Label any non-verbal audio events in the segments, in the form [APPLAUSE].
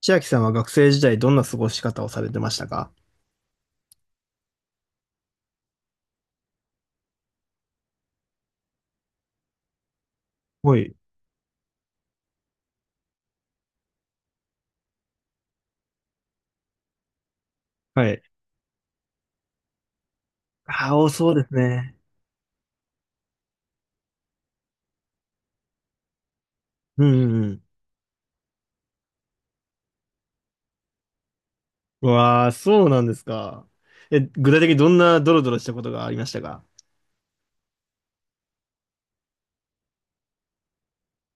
千秋さんは学生時代どんな過ごし方をされてましたか？はい。はい。ああ、おそうですね。うんうんうん。うわあ、そうなんですか。え、具体的にどんなドロドロしたことがありましたか？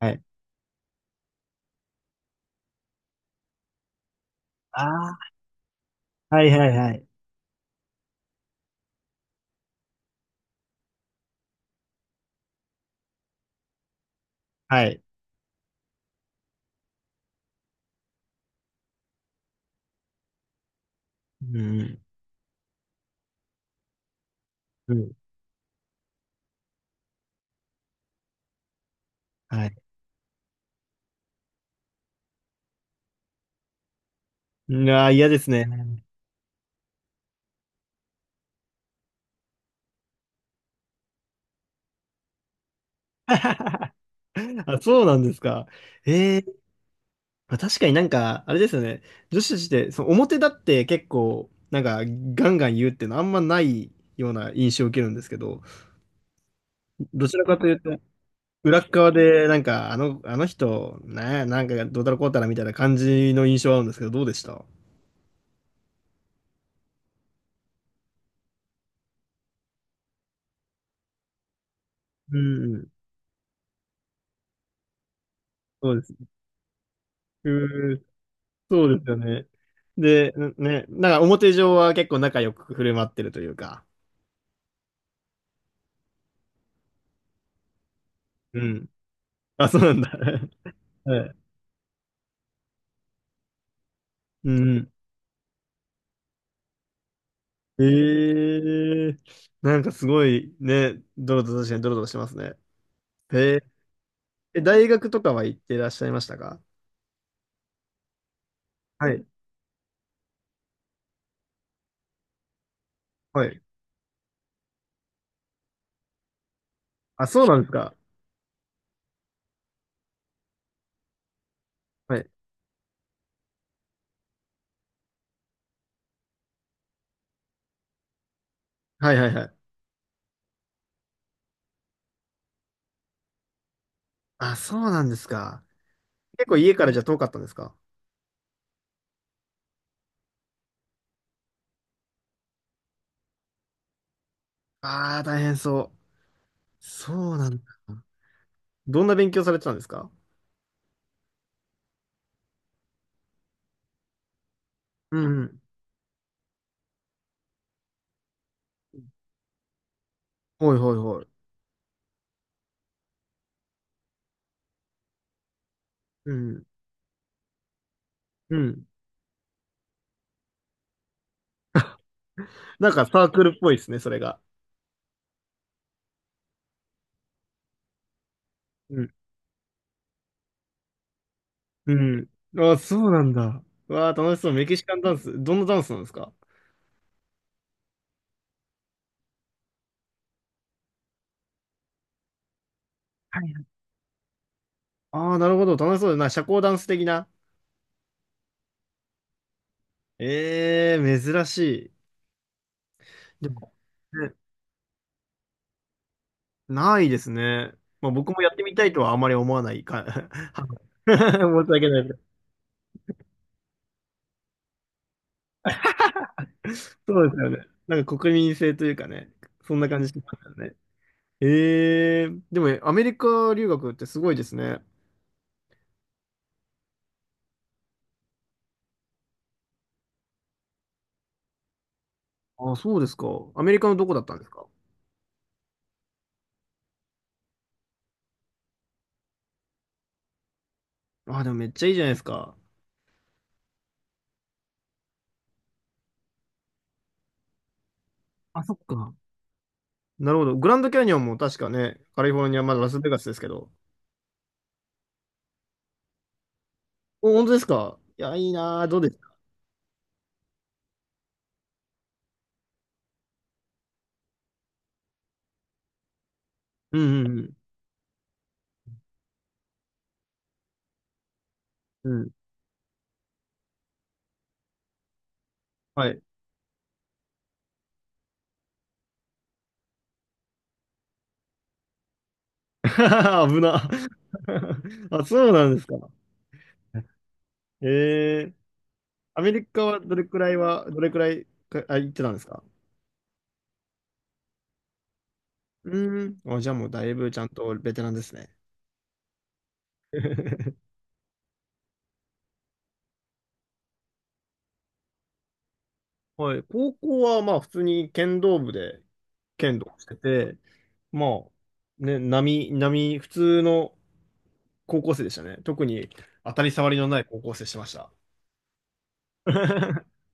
はい。ああ、はいはいはい。はい。うんうん。うん。はい。うわあ、嫌ですね。あ、そうなんですか。ええ。まあ、確かになんか、あれですよね。女子たちって、その表立って結構、なんか、ガンガン言うっていうのあんまないような印象を受けるんですけど、どちらかというと、裏っ側で、なんか、あの人、ね、なんか、どうたらこうたらみたいな感じの印象はあるんですけど、どうでした？うんうん。そうです。うー、そうですよね。で、んね、なんか表上は結構仲良く振る舞ってるというか。うん。あ、そうなんだ。[LAUGHS] はい。うんうん。ええ。なんかすごいね、ドロドロ確かにドロドロしてますね。へえ。え、大学とかは行ってらっしゃいましたか？はい。はい。あ、そうなんですか。はい。はいはいはい。あ、そうなんですか。結構家からじゃ遠かったんですか？ああー、大変そう。そうなんだ。どんな勉強されてたんですか？うんうん。ほいほいほい。うん。うん。なんかサークルっぽいですね、それが。うん。うん。ああ、そうなんだ。うわあ、楽しそう。メキシカンダンス。どんなダンスなんですか？はい。ああー、なるほど。楽しそうだな。社交ダンス的な。ええ、珍しい。でも、ね。ないですね。まあ、僕もやってみたいとはあまり思わないか。[LAUGHS] はい。 [LAUGHS] 申し訳ない。そうですよね。なんか国民性というかね、そんな感じしますよね。ええ。でもね、アメリカ留学ってすごいですね。あ、そうですか。アメリカのどこだったんですか？あ、でもめっちゃいいじゃないですか。あ、そっか。なるほど。グランドキャニオンも確かね、カリフォルニア、まだラスベガスですけど。お、本当ですか？いや、いいなぁ。どうですか？うんうんうん。うん。はい。[LAUGHS] 危な。[LAUGHS] あ、そうなんですか。ええ。アメリカはどれくらいは、どれくらいか、あ、行ってたんですか？うーん。あ、じゃあもうだいぶちゃんとベテランですね。[LAUGHS] はい。高校はまあ普通に剣道部で剣道してて、まあ、ね、並、普通の高校生でしたね。特に当たり障りのない高校生してました。[LAUGHS]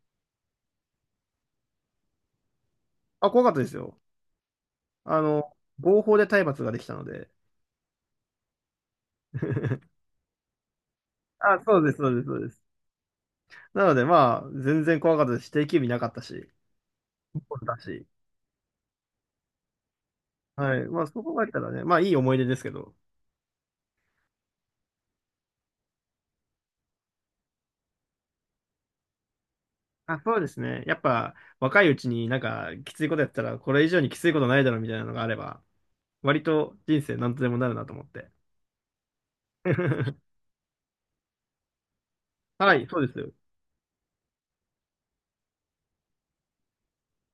あ、怖かったですよ。合法で体罰ができたので。[LAUGHS] あ、そうです、そうです、そうです。なのでまあ、全然怖かったですし。定休日なかったし、一本だし。はい。まあそこがあったらね、まあいい思い出ですけど。あ、そうですね。やっぱ若いうちになんかきついことやったらこれ以上にきついことないだろうみたいなのがあれば、割と人生なんとでもなるなと思って。[LAUGHS] はい、そうです。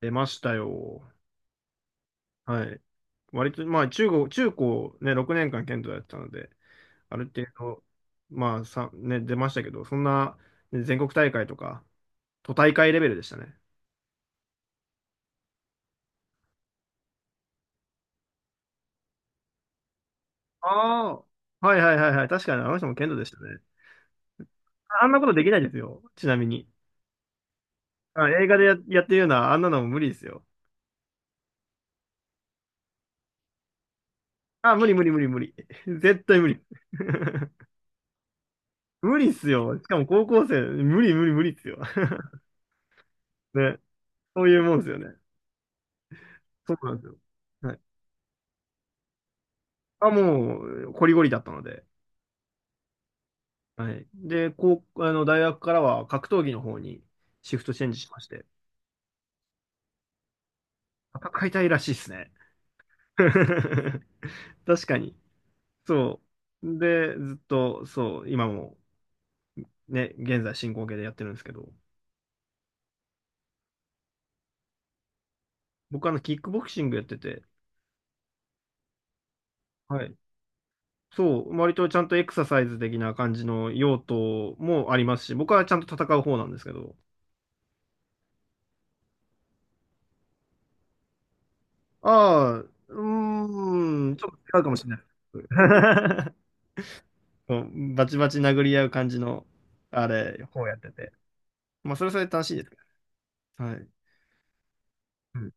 出ましたよ。はい。割と、まあ中高ね、6年間剣道やってたので、ある程度、まあさ、ね、出ましたけど、そんな、ね全国大会とか、都大会レベルでしたね。ああ。はいはいはいはい。確かにあの人も剣道でしたね。ああんなことできないですよ。ちなみに。あ、映画でやってるような、あんなのも無理ですよ。あ、無理無理無理無理。[LAUGHS] 絶対無理。[LAUGHS] 無理っすよ。しかも高校生、無理無理無理っすよ。[LAUGHS] ね。そういうもんですよね。そうなんですよ。はい。あ、もう、ゴリゴリだったので。はい。で、こう、大学からは格闘技の方にシフトチェンジしまして、戦いたいらしいっすね。[LAUGHS] 確かに。そう。で、ずっと、そう、今も、ね、現在進行形でやってるんですけど、僕キックボクシングやってて、はい。そう、割とちゃんとエクササイズ的な感じの用途もありますし、僕はちゃんと戦う方なんですけど。ああ、うーん、ちょっと違うかもしれないです。[LAUGHS] そうバチバチ殴り合う感じの、あれ、こうやってて。まあ、それはそれで楽しいですけど。はい。うん。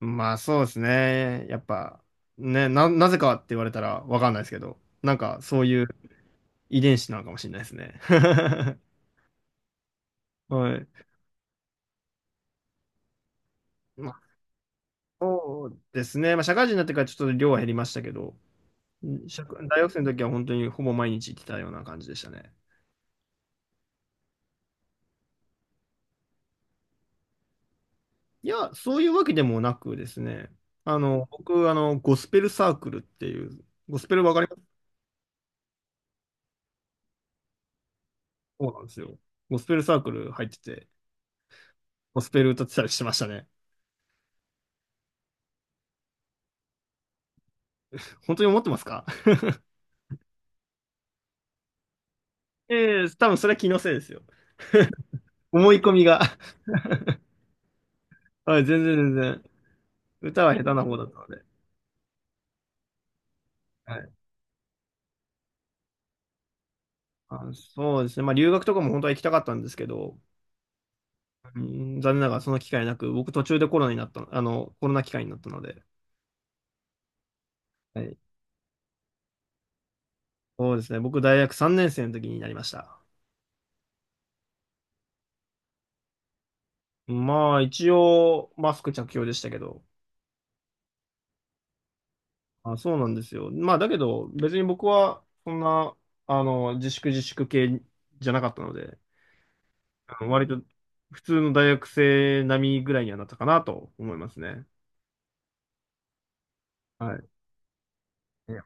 まあ、そうですね。やっぱ、ね、なぜかって言われたらわかんないですけど、なんかそういう遺伝子なのかもしれないですね。[LAUGHS] はい。まあ、そうですね。まあ、社会人になってからちょっと量は減りましたけど、大学生の時は本当にほぼ毎日行ってたような感じでしたね。いや、そういうわけでもなくですね。僕、ゴスペルサークルっていう、ゴスペルわかります？そうなんですよ。ゴスペルサークル入ってて、ゴスペル歌ってたりしてましたね。本当に思ってますか？ [LAUGHS] ええ、多分それは気のせいですよ。思い込みが。[LAUGHS] はい、全然全然。歌は下手な方だったので。はい。あ、そうですね。まあ、留学とかも本当は行きたかったんですけど、うん、残念ながらその機会なく、僕途中でコロナになったコロナ機会になったので、はい。そうですね。僕、大学3年生の時になりました。まあ、一応、マスク着用でしたけど。あ、そうなんですよ。まあ、だけど、別に僕は、そんな、自粛自粛系じゃなかったので、割と、普通の大学生並みぐらいにはなったかなと思いますね。はい。いや、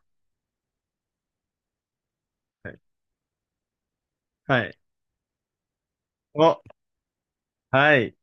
はい。はい。お、はい。